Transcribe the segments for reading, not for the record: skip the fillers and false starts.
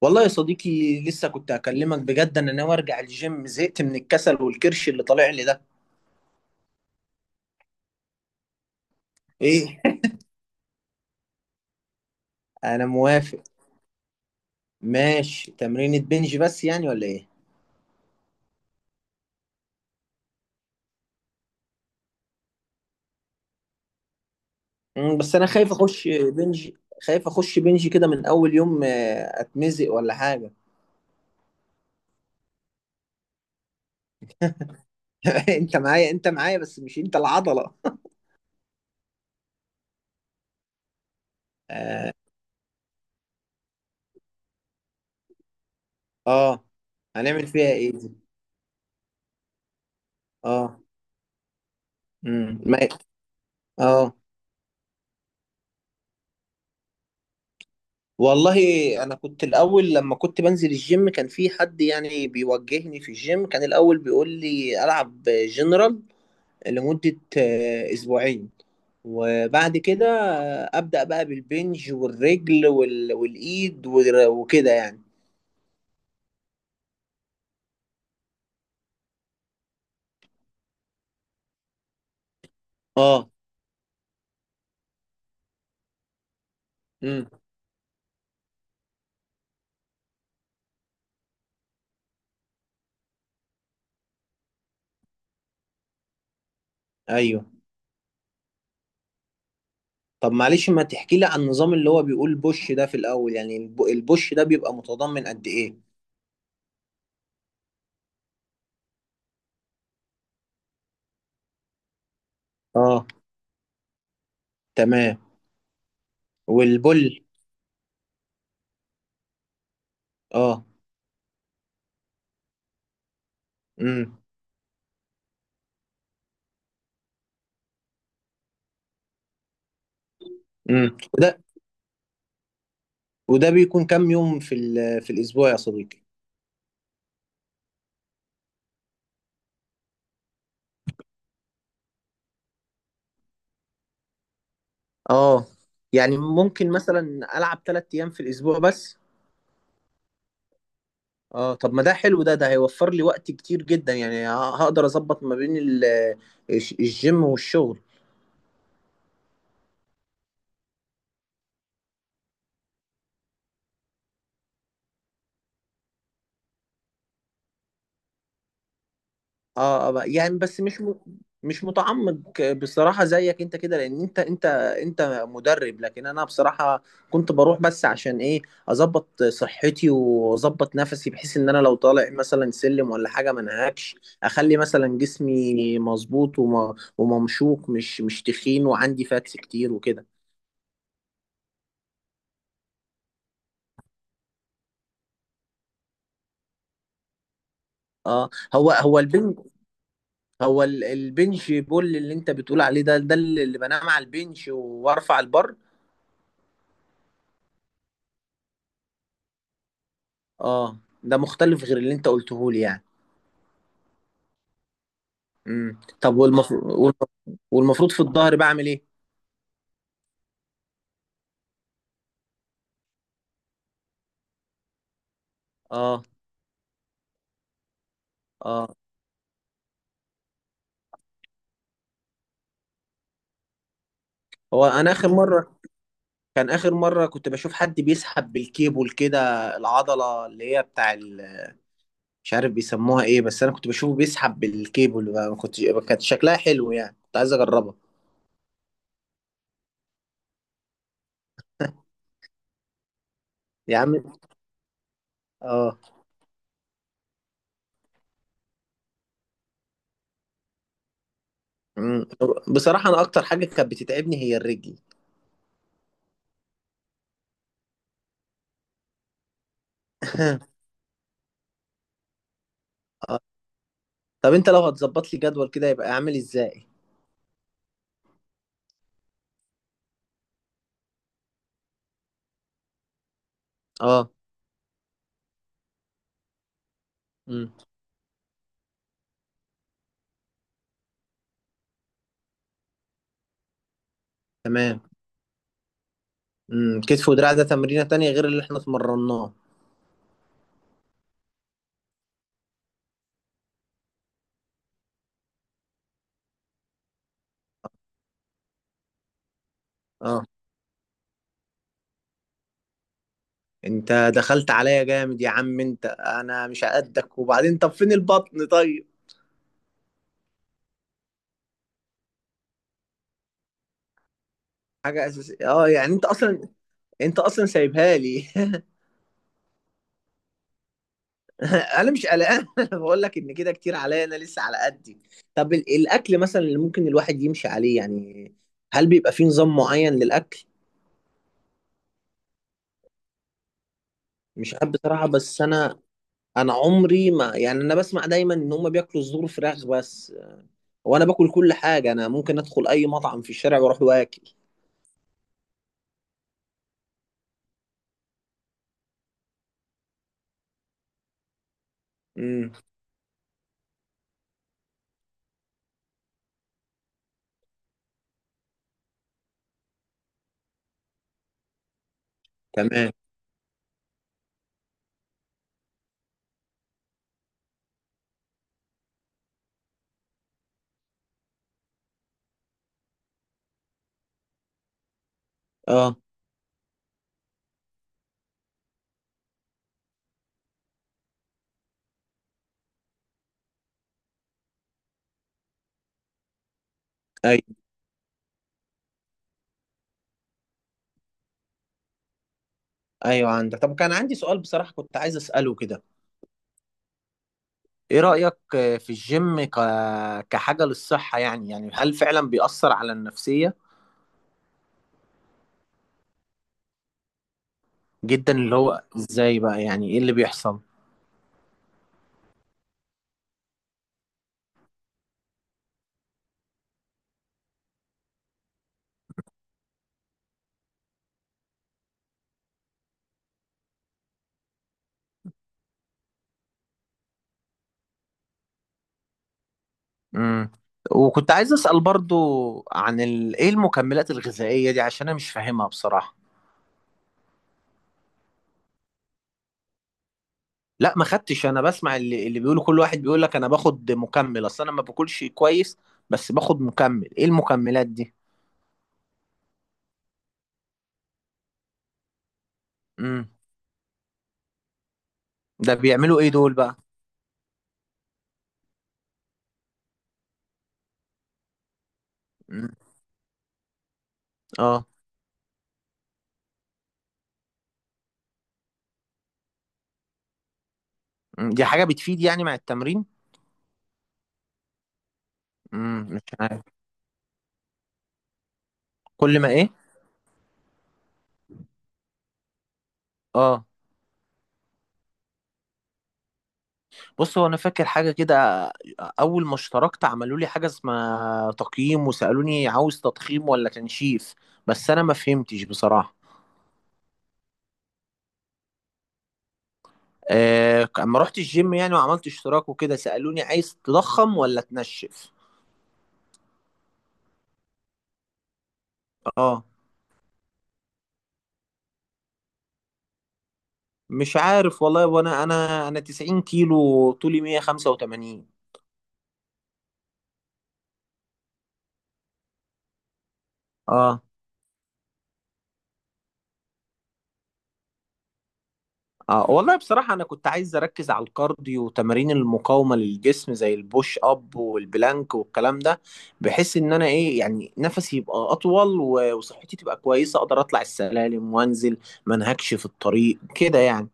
والله يا صديقي، لسه كنت اكلمك بجد. انا ناوي ارجع الجيم، زهقت من الكسل والكرش اللي طالع لي ده. ايه. انا موافق. ماشي، تمرينة بنج بس يعني ولا ايه؟ بس انا خايف اخش بنج. خايف اخش بنج كده من اول يوم، اتمزق ولا حاجة. انت معايا، بس مش انت العضلة. اه. آه. هنعمل فيها ايه دي؟ اه. امم ما- اه. والله، انا كنت الاول لما كنت بنزل الجيم كان في حد يعني بيوجهني في الجيم، كان الاول بيقول لي العب جنرال لمدة اسبوعين. وبعد كده ابدا بقى بالبنج والرجل والايد وكده يعني. اه. امم ايوه. طب، معلش ما تحكي لي عن النظام اللي هو بيقول بوش ده في الاول. يعني البوش ده بيبقى متضمن قد ايه؟ اه، تمام. والبل. اه. امم وده. وده بيكون كام يوم في الاسبوع يا صديقي؟ اه، يعني ممكن مثلا العب 3 ايام في الاسبوع بس. اه، طب ما ده حلو ده، ده هيوفر لي وقت كتير جدا يعني. هقدر اظبط ما بين الجيم والشغل. اه. يعني، بس مش متعمق بصراحة زيك انت كده، لان انت مدرب. لكن انا بصراحة كنت بروح بس عشان ايه، اظبط صحتي واظبط نفسي بحيث ان انا لو طالع مثلا سلم ولا حاجة ما انهكش. اخلي مثلا جسمي مظبوط وممشوق، مش تخين، وعندي فاتس كتير وكده. اه، هو البنج. هو البنج بول اللي انت بتقول عليه ده، ده اللي بنام على البنج وارفع البر. اه، ده مختلف غير اللي انت قلته لي يعني. طب، والمفروض. والمفروض في الظهر بعمل ايه؟ اه. اه، هو انا اخر مره. كان اخر مره كنت بشوف حد بيسحب بالكيبل كده، العضله اللي هي بتاع مش عارف بيسموها ايه، بس انا كنت بشوفه بيسحب بالكيبل بقى، ما كنت. كانت شكلها حلو يعني كنت عايز اجربها. يا عم. اه. امم بصراحه، انا اكتر حاجه كانت بتتعبني هي الرجل. اه، طب انت لو هتظبط لي جدول كده يبقى عامل ازاي؟ اه. امم تمام. كتف ودراع ده تمرينة تانية غير اللي احنا اتمرناه؟ اه، انت دخلت عليا جامد يا عم. انت انا مش هقدك، وبعدين طب فين البطن طيب؟ حاجة اساسية. اه يعني، انت اصلا سايبها لي. انا مش قلقان. بقول لك ان كده كتير عليا، انا لسه على قدي. طب، الاكل مثلا اللي ممكن الواحد يمشي عليه يعني، هل بيبقى فيه نظام معين للاكل؟ مش عارف بصراحة، بس انا عمري ما يعني، انا بسمع دايما ان هم بياكلوا صدور فراخ بس. وانا باكل كل حاجه، انا ممكن ادخل اي مطعم في الشارع واروح واكل. امم تمام. اه، ايوه، ايوه، عندك. طب، كان عندي سؤال بصراحه كنت عايز اساله كده. ايه رايك في الجيم كحاجه للصحه، يعني هل فعلا بيأثر على النفسيه؟ جدا؟ اللي هو ازاي بقى، يعني ايه اللي بيحصل؟ امم وكنت عايز اسال برضو عن ايه المكملات الغذائيه دي، عشان انا مش فاهمها بصراحه. لا، ما خدتش. انا بسمع اللي بيقولوا، كل واحد بيقول لك انا باخد مكمل اصل انا ما باكلش كويس، بس باخد مكمل. ايه المكملات دي؟ امم ده بيعملوا ايه دول بقى؟ امم اه. مم. دي حاجة بتفيد يعني مع التمرين؟ مش عارف. كل ما ايه؟ اه، بص، هو انا فاكر حاجة كده. اول ما اشتركت عملوا لي حاجة اسمها تقييم وسألوني عاوز تضخيم ولا تنشيف، بس انا ما فهمتش بصراحة. اما رحت الجيم يعني وعملت اشتراك وكده، سألوني عايز تضخم ولا تنشف. اه، مش عارف والله. وانا انا انا 90 كيلو، طولي 185. اه، اه، والله بصراحة انا كنت عايز اركز على الكارديو وتمارين المقاومة للجسم، زي البوش اب والبلانك والكلام ده. بحيث ان انا ايه يعني، نفسي يبقى اطول وصحتي تبقى كويسة، اقدر اطلع السلالم وانزل ما انهكش في الطريق كده يعني.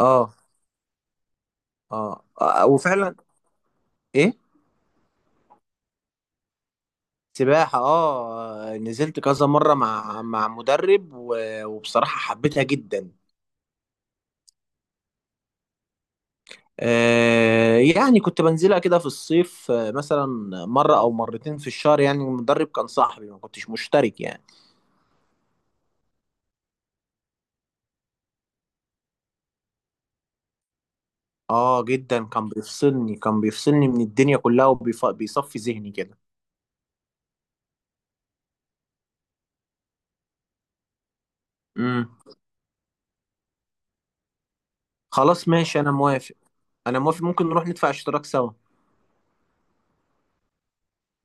اه، اه. وفعلا. ايه؟ سباحة. اه، نزلت كذا مرة مع مدرب، وبصراحة حبيتها جدا. يعني كنت بنزلها كده في الصيف، مثلا مرة أو مرتين في الشهر. يعني المدرب كان صاحبي، ما كنتش مشترك يعني. اه، جدا. كان بيفصلني من الدنيا كلها، وبيصفي ذهني كده. امم خلاص، ماشي، أنا موافق. أنا موافق، ممكن نروح ندفع اشتراك سوا.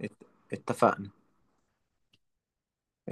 ات- اتفقنا.